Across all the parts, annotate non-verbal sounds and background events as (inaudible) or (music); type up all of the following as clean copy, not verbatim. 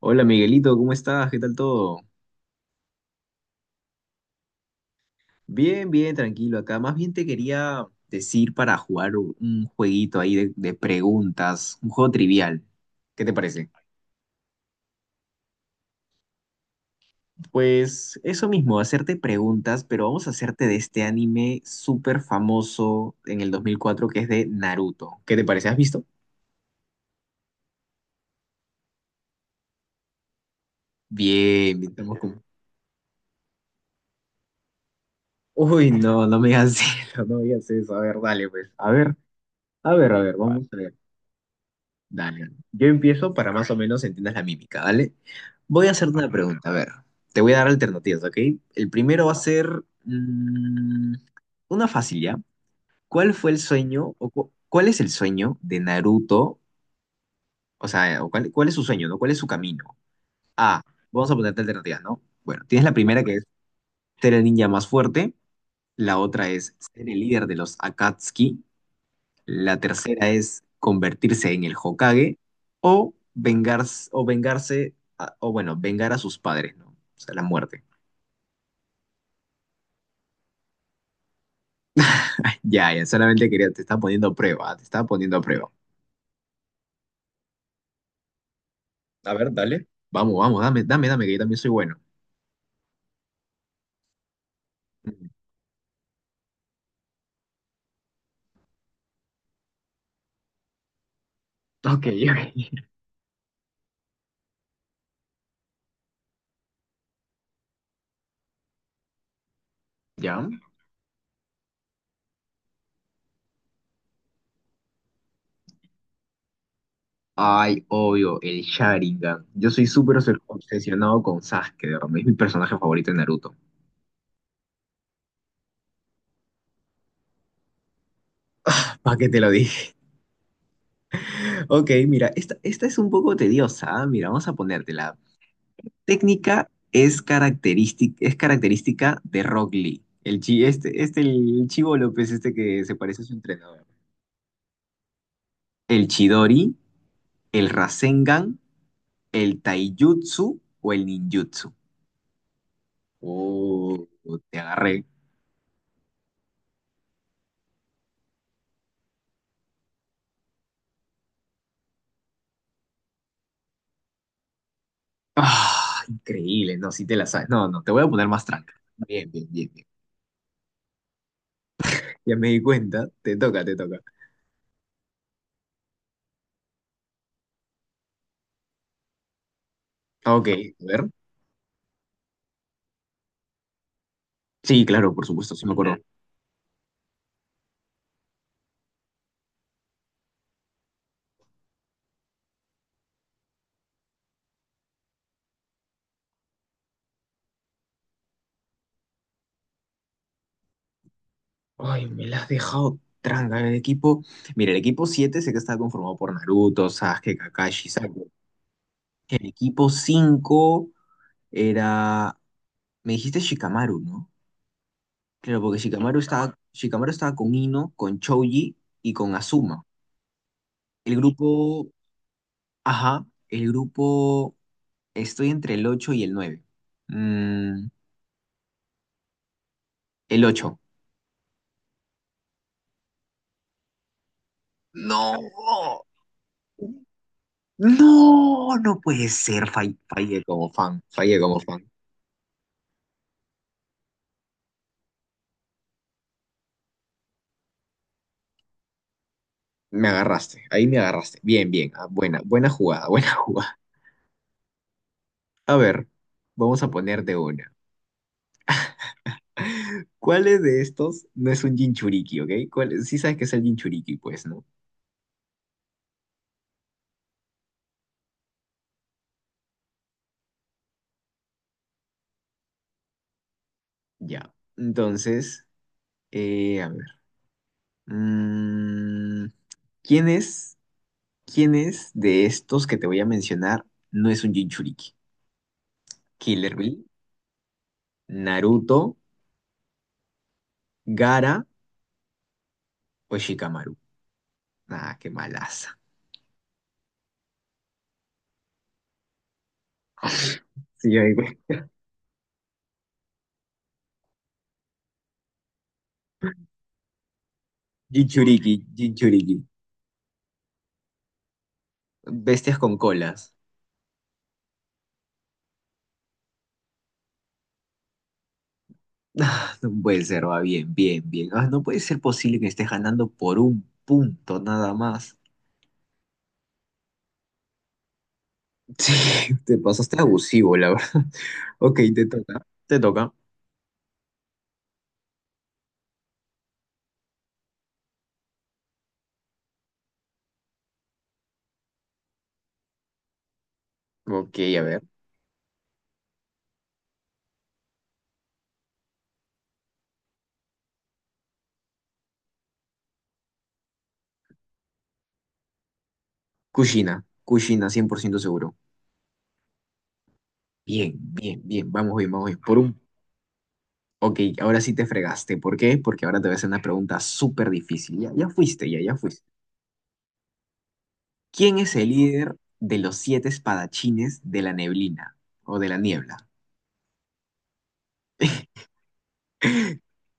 Hola Miguelito, ¿cómo estás? ¿Qué tal todo? Bien, bien, tranquilo acá. Más bien te quería decir para jugar un jueguito ahí de preguntas, un juego trivial. ¿Qué te parece? Pues eso mismo, hacerte preguntas, pero vamos a hacerte de este anime súper famoso en el 2004 que es de Naruto. ¿Qué te parece? ¿Has visto? Bien, bien, estamos como... Uy, no, no me digas (laughs) eso, no me digas eso. A ver, dale, pues. A ver, a ver, a ver, va, vamos a ver. Dale. Yo empiezo para más o menos entiendas la mímica, ¿vale? Voy a hacerte una pregunta, a ver. Te voy a dar alternativas, ¿ok? El primero va a ser una fácil, ¿ya? ¿Cuál fue el sueño o cuál es el sueño de Naruto? O sea, o cuál es su sueño, ¿no? ¿Cuál es su camino? Ah, vamos a ponerte alternativas, ¿no? Bueno, tienes la primera que es ser el ninja más fuerte, la otra es ser el líder de los Akatsuki. La tercera es convertirse en el Hokage o vengarse, o bueno, vengar a sus padres, ¿no? O sea, la muerte. Ya, ya, solamente quería, te estaba poniendo a prueba, te estaba poniendo a prueba. A ver, dale. Vamos, vamos, dame, dame, dame, que yo también soy bueno. (laughs) Mm. Ok, ok. (laughs) Ya. Ay, obvio, el Sharingan. Yo soy súper obsesionado con Sasuke, de verdad, es mi personaje favorito de Naruto. ¿Para qué te lo dije? (laughs) Ok, mira, esta es un poco tediosa, ¿ah? Mira, vamos a ponértela. Técnica es característica de Rock Lee. El Chivo López, este que se parece a su entrenador. El Chidori, el Rasengan, el Taijutsu o el Ninjutsu. Oh, te agarré. Ah, increíble, no, si te la sabes. No, no, te voy a poner más tranca. Bien, bien, bien, bien. Ya me di cuenta, te toca, te toca. Ok, a ver. Sí, claro, por supuesto, sí me acuerdo. Ay, me la has dejado tranca. Mira, el equipo 7 sé que está conformado por Naruto, Sasuke, Kakashi, Sakura. El equipo 5 era, me dijiste Shikamaru, ¿no? Claro, porque Shikamaru estaba con Ino, con Choji y con Azuma. El grupo, ajá, el grupo, estoy entre el 8 y el 9. Mm, el 8. No, no, no puede ser, fallé como fan, fallé como fan. Me agarraste, ahí me agarraste. Bien, bien. Ah, buena, buena jugada, (laughs) buena jugada. A ver, vamos a poner de una. ¿Cuáles de estos no es un Jinchuriki, ok? Sí sabes que es el Jinchuriki, pues, ¿no? Ya. Entonces, a ver, mm, ¿quién es, quién es de estos que te voy a mencionar no es un Jinchuriki? ¿Killer Bill, Naruto, Gara o Shikamaru? Ah, qué malaza. (laughs) Sí, ahí, güey. Jinchuriki, Jinchuriki. Bestias con colas. (laughs) Ah, no puede ser, va bien, bien, bien. Ah, no puede ser posible que estés ganando por un punto nada más. Sí, (laughs) te pasaste abusivo, la verdad. (laughs) Ok, te toca. Te toca. Ok, a ver. Kushina. Kushina, 100% seguro. Bien, bien, bien. Vamos bien, vamos bien. Por un... Ok, ahora sí te fregaste. ¿Por qué? Porque ahora te voy a hacer una pregunta súper difícil. Ya, ya fuiste, ya, ya fuiste. ¿Quién es el líder de los siete espadachines de la neblina o de la niebla?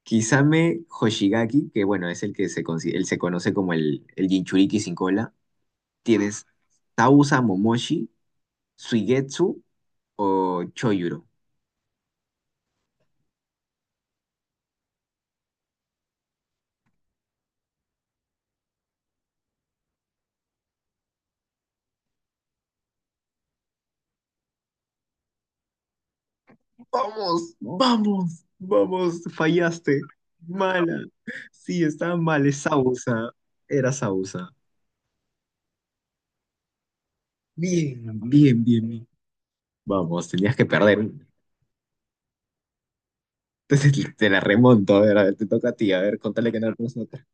Kisame Hoshigaki, que bueno, es el que él se conoce como el Jinchuriki sin cola. Tienes Tausa Momoshi, Suigetsu o Choyuro. Vamos, vamos, vamos, fallaste. Mala. Sí, estaba mal, es Sausa. Era Sausa. Bien, bien, bien, bien. Vamos, tenías que perder. Entonces te la remonto, a ver, te toca a ti, a ver, contale que no la conoces otra.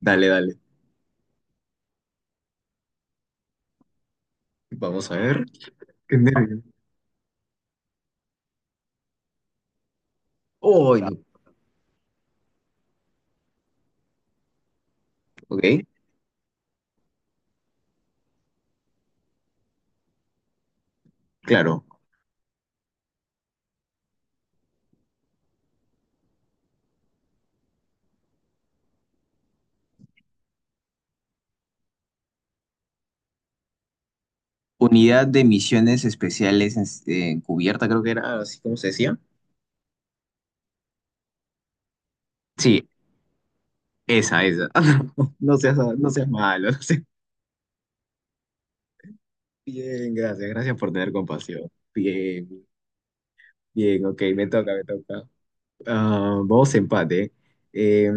Dale, dale. Vamos a ver. Qué nervio. Oh, no. Ok. Claro. Unidad de Misiones Especiales Encubierta, creo que era así como se decía. Sí, esa, esa. (laughs) No seas, no seas malo. No seas- (laughs) Bien, gracias. Gracias por tener compasión. Bien, bien, ok, me toca, me toca. Ah, vamos a empate. Eh,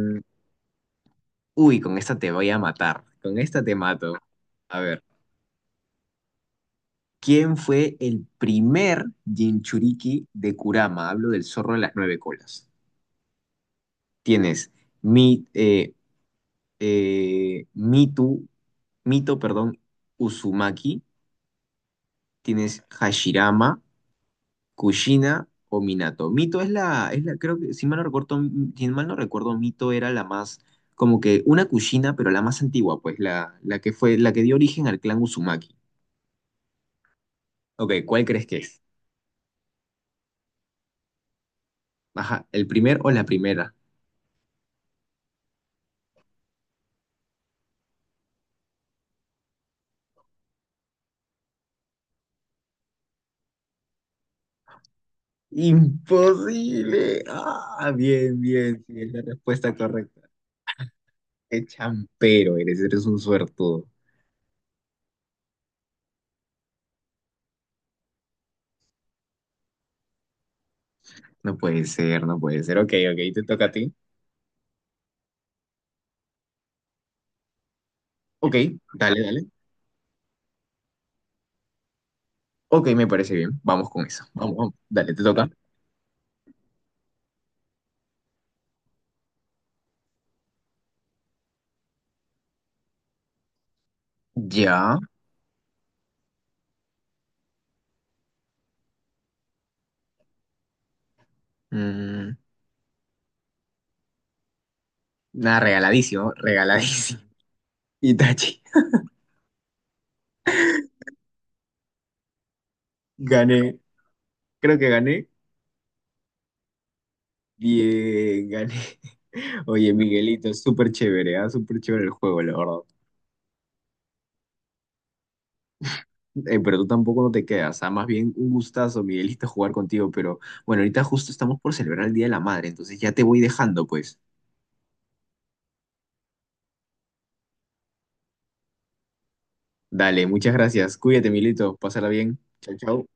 uy, con esta te voy a matar. Con esta te mato. A ver, ¿quién fue el primer Jinchuriki de Kurama? Hablo del zorro de las nueve colas. Tienes mi, eh, eh, Mitu, Mito, perdón, Uzumaki, tienes Hashirama, Kushina o Minato. Mito es la, creo que, si mal no recuerdo, si mal no recuerdo, Mito era la más, como que una Kushina, pero la más antigua, pues, la que fue, la que dio origen al clan Uzumaki. Ok, ¿cuál crees que es? Ajá, ¿el primer o la primera? Imposible. Ah, bien, bien, sí, es la respuesta correcta. Qué champero eres, eres un suertudo. No puede ser, no puede ser. Ok, ok, te toca a ti. Ok, dale, dale. Ok, me parece bien. Vamos con eso. Vamos, vamos. Dale, te toca. Ya. Mm, nada, regaladísimo, regaladísimo. (laughs) Itachi, gané. Creo que gané. Bien, gané. (laughs) Oye, Miguelito, súper chévere, ¿ah? Súper chévere el juego, la verdad. Pero tú tampoco no te quedas, ¿ah? Más bien un gustazo, Miguelito, jugar contigo. Pero bueno, ahorita justo estamos por celebrar el Día de la Madre, entonces ya te voy dejando, pues. Dale, muchas gracias. Cuídate, Milito. Pásala bien. Chau, chau.